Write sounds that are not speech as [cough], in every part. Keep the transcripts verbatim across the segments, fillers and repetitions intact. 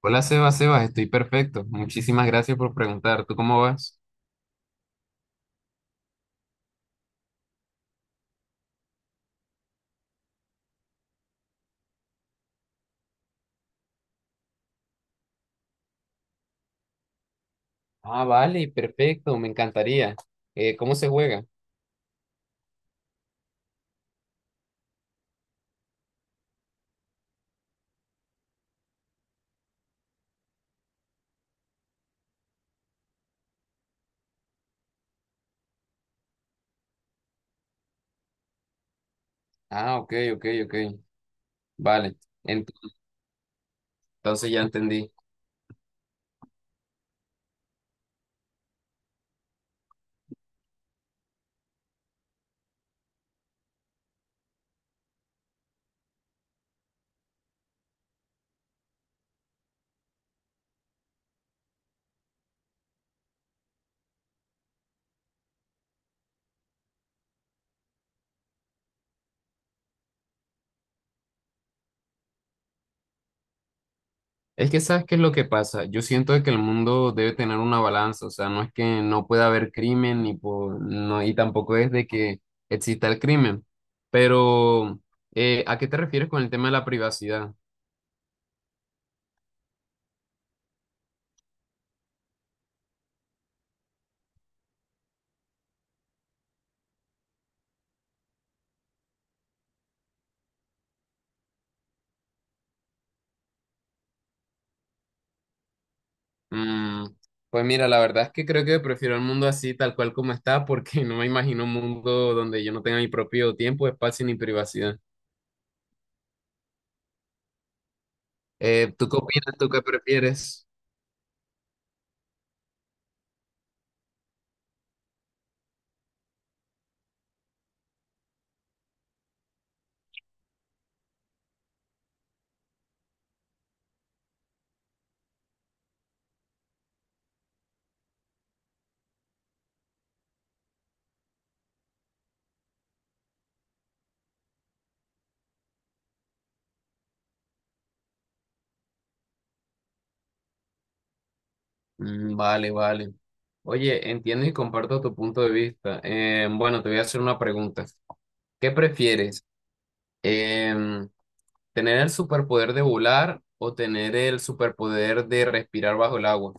Hola Sebas, Sebas, estoy perfecto. Muchísimas gracias por preguntar. ¿Tú cómo vas? Ah, vale, perfecto, me encantaría. Eh, ¿cómo se juega? Ah, ok, ok, ok. Vale, ent- entonces ya entendí. Es que sabes qué es lo que pasa. Yo siento de que el mundo debe tener una balanza, o sea, no es que no pueda haber crimen ni po- no, y tampoco es de que exista el crimen. Pero, eh, ¿a qué te refieres con el tema de la privacidad? Mm, pues mira, la verdad es que creo que prefiero el mundo así, tal cual como está, porque [laughs] no me imagino un mundo donde yo no tenga mi propio tiempo, espacio ni privacidad. Eh, ¿tú qué opinas? ¿Tú qué prefieres? Mm, vale, vale. Oye, entiendo y comparto tu punto de vista. Eh, bueno, te voy a hacer una pregunta. ¿Qué prefieres? Em, ¿tener el superpoder de volar o tener el superpoder de respirar bajo el agua?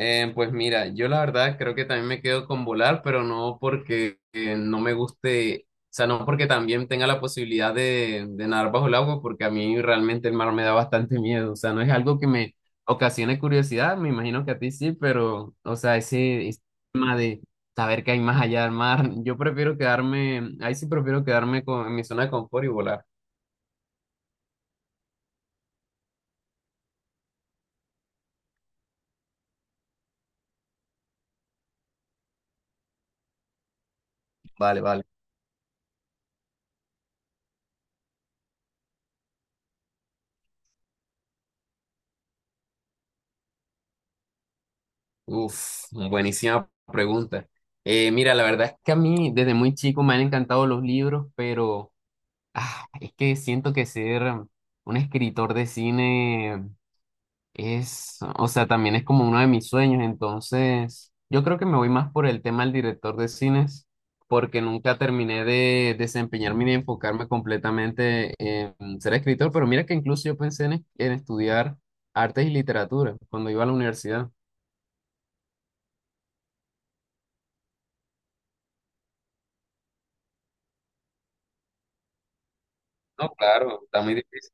Eh, pues mira, yo la verdad creo que también me quedo con volar, pero no porque eh, no me guste, o sea, no porque también tenga la posibilidad de, de nadar bajo el agua, porque a mí realmente el mar me da bastante miedo, o sea, no es algo que me ocasione curiosidad, me imagino que a ti sí, pero, o sea, ese, ese tema de saber que hay más allá del mar, yo prefiero quedarme, ahí sí prefiero quedarme con, en mi zona de confort y volar. Vale, vale. Uf, buenísima pregunta. Eh, mira, la verdad es que a mí desde muy chico me han encantado los libros, pero ah, es que siento que ser un escritor de cine es, o sea, también es como uno de mis sueños. Entonces, yo creo que me voy más por el tema del director de cines, porque nunca terminé de desempeñarme ni de enfocarme completamente en ser escritor. Pero mira que incluso yo pensé en en estudiar artes y literatura cuando iba a la universidad. No, claro, está muy difícil.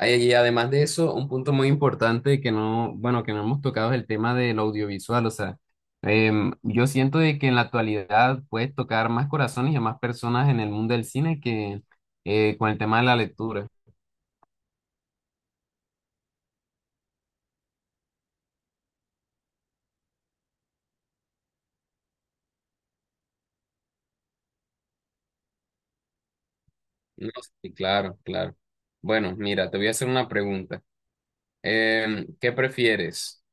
Y además de eso, un punto muy importante que no, bueno, que no hemos tocado es el tema del audiovisual. O sea, em, yo siento de que en la actualidad puedes tocar más corazones y a más personas en el mundo del cine que eh, con el tema de la lectura. No, sí, claro, claro. Bueno, mira, te voy a hacer una pregunta. Em, ¿qué prefieres?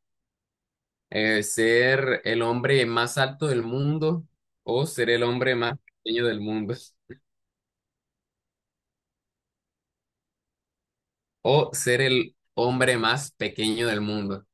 Eh, ¿ser el hombre más alto del mundo o ser el hombre más pequeño del mundo? [laughs] O ser el hombre más pequeño del mundo.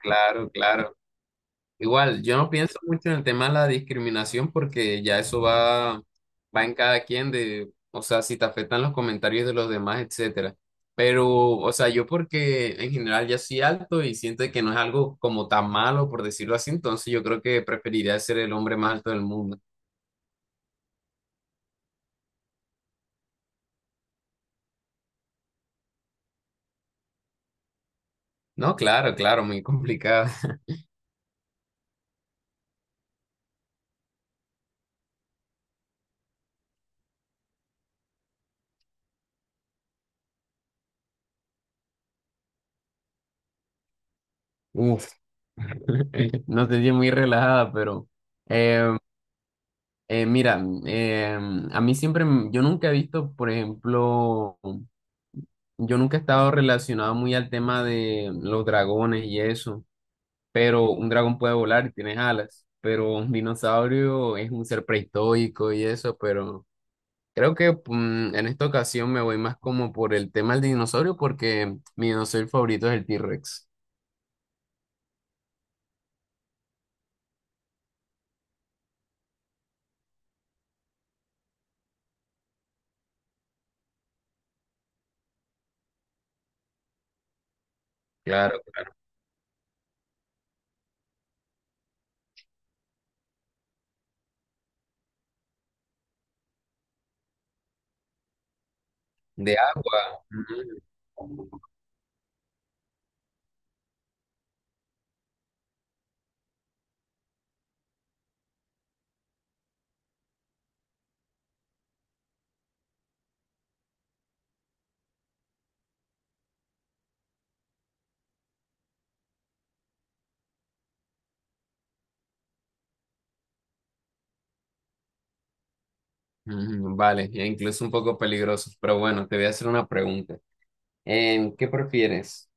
Claro, claro. Igual, yo no pienso mucho en el tema de la discriminación porque ya eso va, va en cada quien de, o sea, si te afectan los comentarios de los demás, etcétera. Pero, o sea, yo porque en general ya soy alto y siento que no es algo como tan malo, por decirlo así, entonces yo creo que preferiría ser el hombre más alto del mundo. No, claro, claro, muy complicado. [laughs] Uf, [laughs] no te di muy relajada, pero eh, eh, mira, eh, a mí siempre, m- yo nunca he visto, por ejemplo, yo nunca he estado relacionado muy al tema de los dragones y eso, pero un dragón puede volar y tiene alas, pero un dinosaurio es un ser prehistórico y eso, pero creo que mm, en esta ocasión me voy más como por el tema del dinosaurio porque mi dinosaurio favorito es el T-Rex. Claro, claro. De agua. Ujú. Ujú, vale, e incluso un poco peligrosos, pero bueno, te voy a hacer una pregunta. Em, ¿qué prefieres?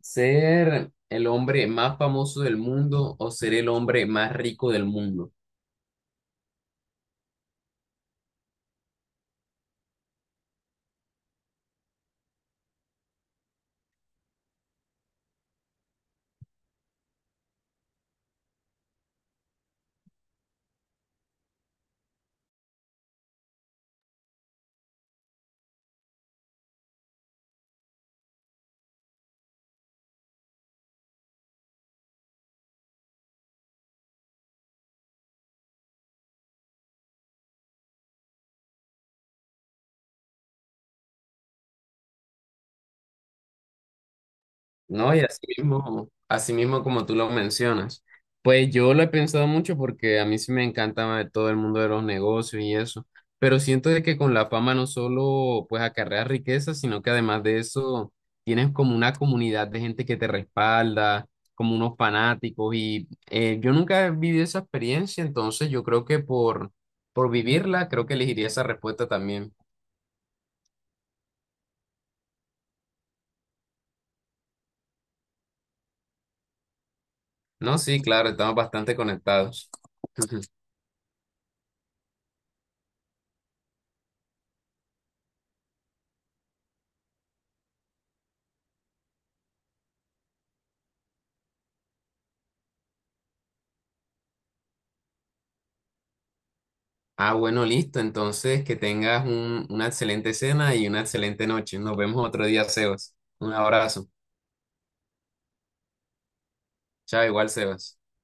¿Ser el hombre más famoso del mundo o ser el hombre más rico del mundo? No, y así mismo, así mismo como tú lo mencionas. Pues yo lo he pensado mucho porque a mí sí me encanta todo el mundo de los negocios y eso, pero siento de que con la fama no solo pues acarreas riqueza, sino que además de eso tienes como una comunidad de gente que te respalda, como unos fanáticos y eh, yo nunca he vivido esa experiencia, entonces yo creo que por, por vivirla creo que elegiría esa respuesta también. No, sí, claro, estamos bastante conectados. [laughs] Ah, bueno, listo. Entonces, que tengas un- una excelente cena y una excelente noche. Nos vemos otro día, Sebas. Un abrazo. Chao, igual, Sebas.